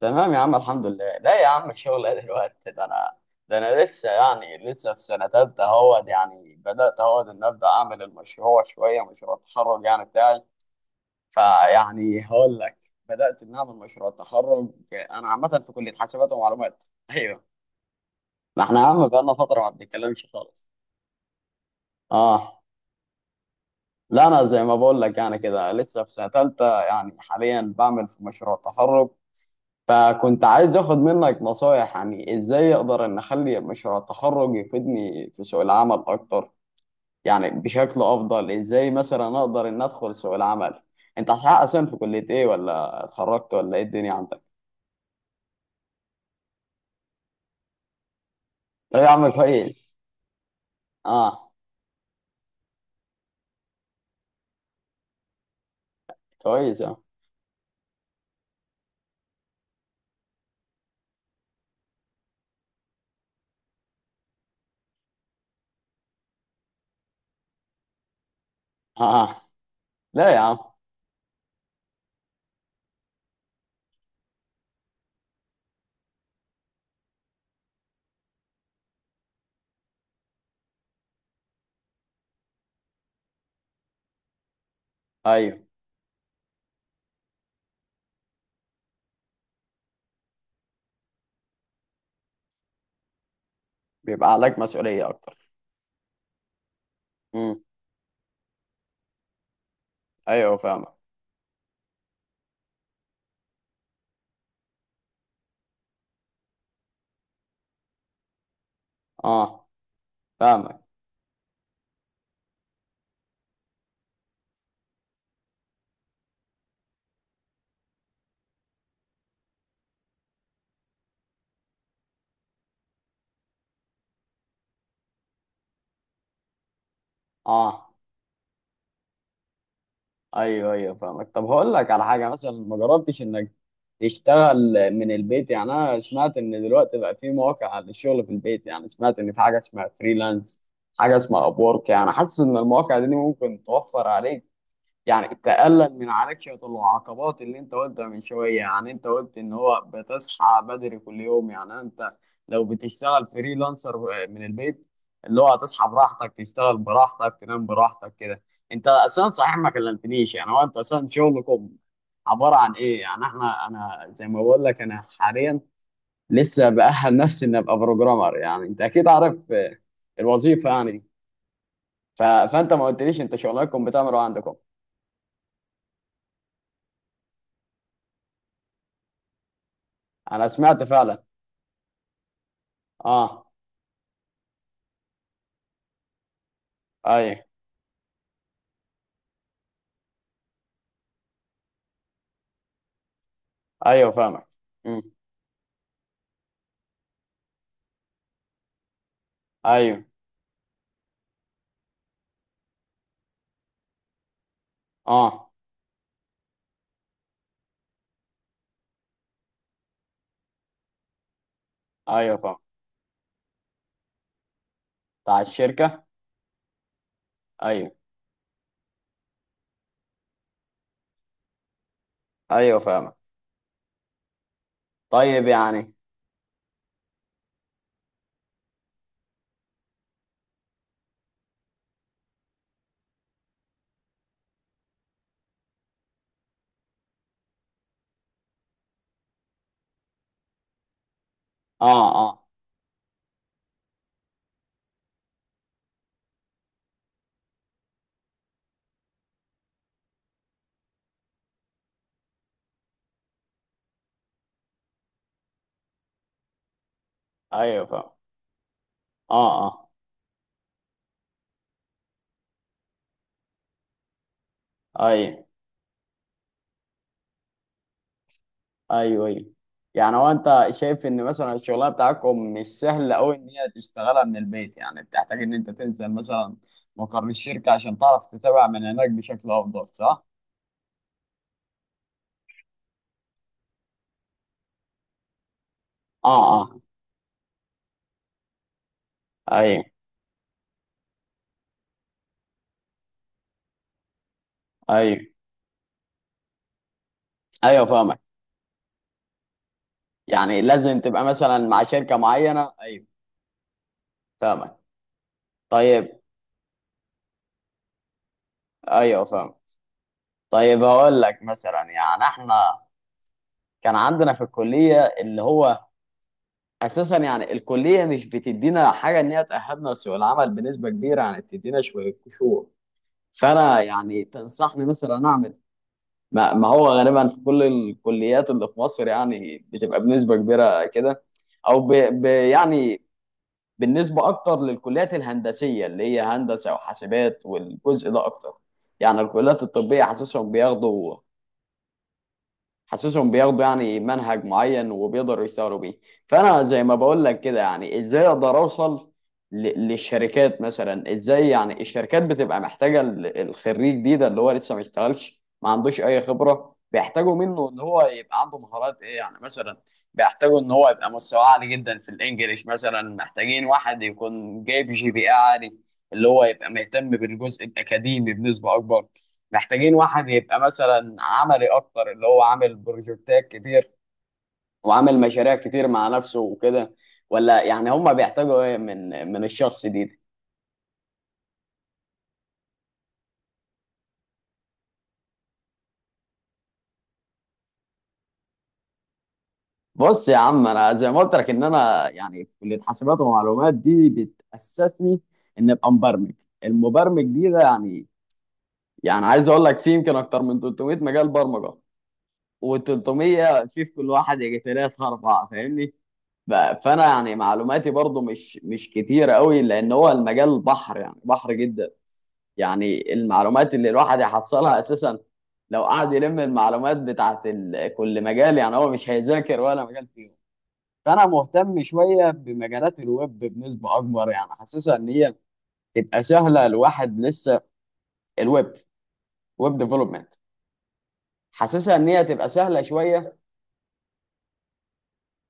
تمام يا عم، الحمد لله. لا يا عم، الشغل ايه دلوقتي؟ ده انا لسه، يعني لسه في سنه تالتة. اهوت، يعني بدات اهوت ان ابدا اعمل المشروع، شويه مشروع التخرج يعني بتاعي. فيعني هقول لك، بدات ان اعمل مشروع التخرج. انا عامه في كليه حاسبات ومعلومات. ايوه، ما احنا يا عم بقالنا فتره ما بنتكلمش خالص. اه. لا، انا زي ما بقول لك يعني كده لسه في سنه تالتة، يعني حاليا بعمل في مشروع التخرج. فكنت عايز اخد منك نصايح، يعني ازاي اقدر ان اخلي مشروع التخرج يفيدني في سوق العمل اكتر، يعني بشكل افضل. ازاي مثلا اقدر ان ادخل سوق العمل؟ انت حقق اصلا في كلية ايه؟ ولا اتخرجت، ولا ايه الدنيا عندك؟ لا يا عم كويس. اه. كويس يا عم. اه. آه. لا يا عم. ايوه، بيبقى عليك مسؤولية اكتر. امم. ايوه فاهمك. اه فاهمك. اه. ايوه ايوه فاهمك. طب هقول لك على حاجه، مثلا ما جربتش انك تشتغل من البيت؟ يعني انا سمعت ان دلوقتي بقى في مواقع للشغل في البيت، يعني سمعت ان في حاجه اسمها فريلانس، حاجه اسمها ابورك. يعني حاسس ان المواقع دي ممكن توفر عليك، يعني تقلل من عليك شوية العقبات اللي انت قلتها من شوية. يعني انت قلت ان هو بتصحى بدري كل يوم، يعني انت لو بتشتغل فريلانسر من البيت، اللي هو هتصحى براحتك، تشتغل براحتك، تنام براحتك كده. انت اصلا صحيح ما كلمتنيش. يعني هو انت اصلا شغلكم عبارة عن ايه؟ يعني احنا، انا زي ما بقول لك انا حاليا لسه بأهل نفسي اني ابقى بروجرامر، يعني انت اكيد عارف آه، الوظيفة يعني دي. فانت ما قلتليش انت شغلكم بتعملوا عندكم؟ انا سمعت فعلا. اه. ايوه ايوه فاهمك. امم. ايوه. اه ايوه فاهمك. بتاع الشركة. ايوه ايوه فاهمك. طيب يعني. اه اه. ايوه فاهم. اه اه. ايوه ايوه ايوه. يعني هو انت شايف ان مثلا الشغلانه بتاعتكم مش سهله قوي ان هي تشتغلها من البيت، يعني بتحتاج ان انت تنزل مثلا مقر الشركه عشان تعرف تتابع من هناك بشكل افضل صح؟ اه اه. ايوه ايوه ايوه فاهمك. يعني لازم تبقى مثلا مع شركه معينه. ايوه فاهمك. طيب. ايوه فاهم. طيب هقول لك مثلا، يعني احنا كان عندنا في الكليه اللي هو اساسا، يعني الكليه مش بتدينا حاجه ان هي تاهلنا لسوق العمل بنسبه كبيره، يعني بتدينا شويه قشور. فانا يعني تنصحني مثلا اعمل ما هو غالبا في كل الكليات اللي في مصر يعني بتبقى بنسبه كبيره كده، يعني بالنسبه اكتر للكليات الهندسيه اللي هي هندسه وحاسبات والجزء ده اكتر. يعني الكليات الطبيه حاسسهم بياخدوا يعني منهج معين وبيقدروا يشتغلوا بيه. فانا زي ما بقول لك كده، يعني ازاي اقدر اوصل للشركات؟ مثلا ازاي يعني الشركات بتبقى محتاجه الخريج دي ده اللي هو لسه ما اشتغلش ما عندوش اي خبره، بيحتاجوا منه ان هو يبقى عنده مهارات ايه يعني مثلا؟ بيحتاجوا ان هو يبقى مستواه عالي جدا في الانجليش، مثلا محتاجين واحد يكون جايب GPA عالي، اللي هو يبقى مهتم بالجزء الاكاديمي بنسبه اكبر، محتاجين واحد يبقى مثلا عملي اكتر، اللي هو عامل بروجكتات كتير وعامل مشاريع كتير مع نفسه وكده. ولا يعني هم بيحتاجوا ايه من الشخص دي؟ بص يا عم، انا زي ما قلت لك ان انا يعني في كليه حاسبات ومعلومات، دي بتاسسني ان ابقى مبرمج. المبرمج دي ده يعني، يعني عايز اقول لك في يمكن اكتر من 300 مجال برمجه، و300 في كل واحد يجي ثلاثة أربعة فاهمني. ف- فانا يعني معلوماتي برضو مش كتيره قوي، لان هو المجال بحر، يعني بحر جدا. يعني المعلومات اللي الواحد يحصلها اساسا لو قعد يلم المعلومات بتاعت كل مجال يعني هو مش هيذاكر ولا مجال فيهم. فانا مهتم شويه بمجالات الويب بنسبه اكبر، يعني حاسسها ان هي تبقى سهله، الواحد لسه. الويب، ويب ديفلوبمنت، حاسسها ان هي تبقى سهله شويه.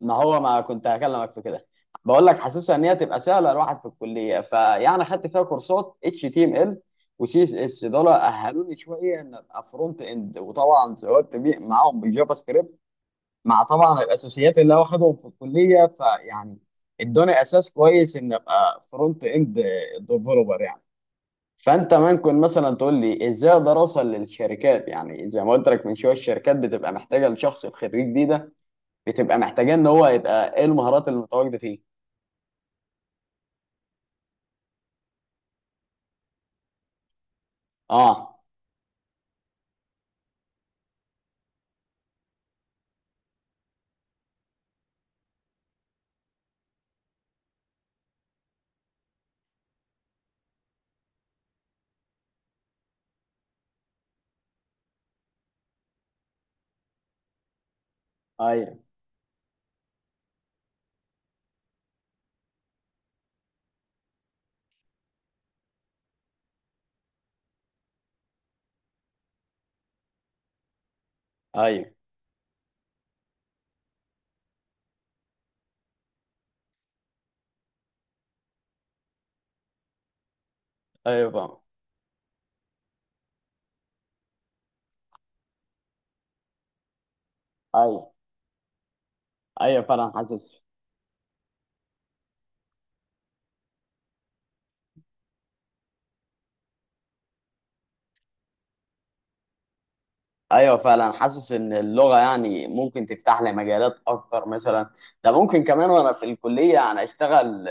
ما هو ما كنت هكلمك في كده، بقول لك حاسسها ان هي تبقى سهله. الواحد في الكليه فيعني خدت فيها كورسات HTML وسي اس اس، دول اهلوني شويه ان ابقى فرونت اند، وطبعا سويت معاهم بالجافا سكريبت، مع طبعا الاساسيات اللي هو واخدهم في الكليه. فيعني ادوني اساس كويس ان ابقى فرونت اند ديفلوبر يعني. فانت ممكن مثلا تقول لي ازاي اقدر اوصل للشركات؟ يعني زي ما قلت لك من شويه، الشركات بتبقى محتاجه لشخص، الخريج دي ده بتبقى محتاجاه ان هو يبقى ايه المهارات المتواجده فيه؟ اه. ايوه ايوه ايوه فاهم. ايوه ايوه فعلا حاسس. ايوه فعلا حاسس ان اللغه يعني ممكن تفتح لي مجالات اكتر مثلا. ده ممكن كمان وانا في الكليه يعني اشتغل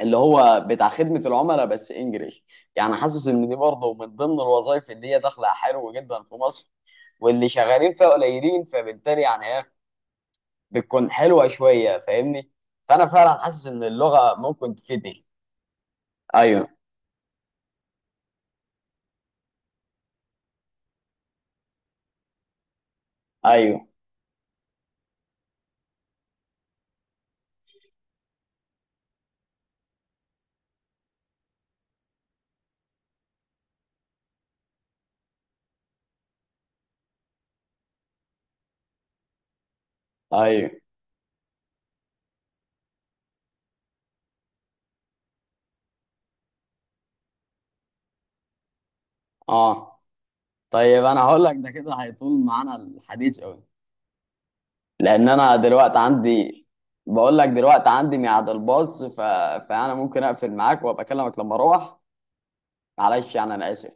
اللي هو بتاع خدمه العملاء بس انجليش. يعني حاسس ان دي برضه من ضمن الوظائف اللي هي داخله حلو جدا في مصر، واللي شغالين فيها قليلين، فبالتالي يعني ايه بتكون حلوه شويه فاهمني. فانا فعلا حاسس ان اللغه ممكن تفيدني. ايوه ايوه ايوه. اه طيب، انا هقول لك، ده كده هيطول معانا الحديث قوي، لان انا دلوقتي عندي، بقول لك دلوقتي عندي ميعاد الباص. فانا ممكن اقفل معاك وابقى اكلمك لما اروح. معلش يعني انا اسف.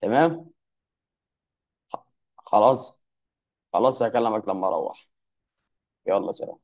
تمام. خ- خلاص خلاص، هكلمك لما اروح. يلا سلام.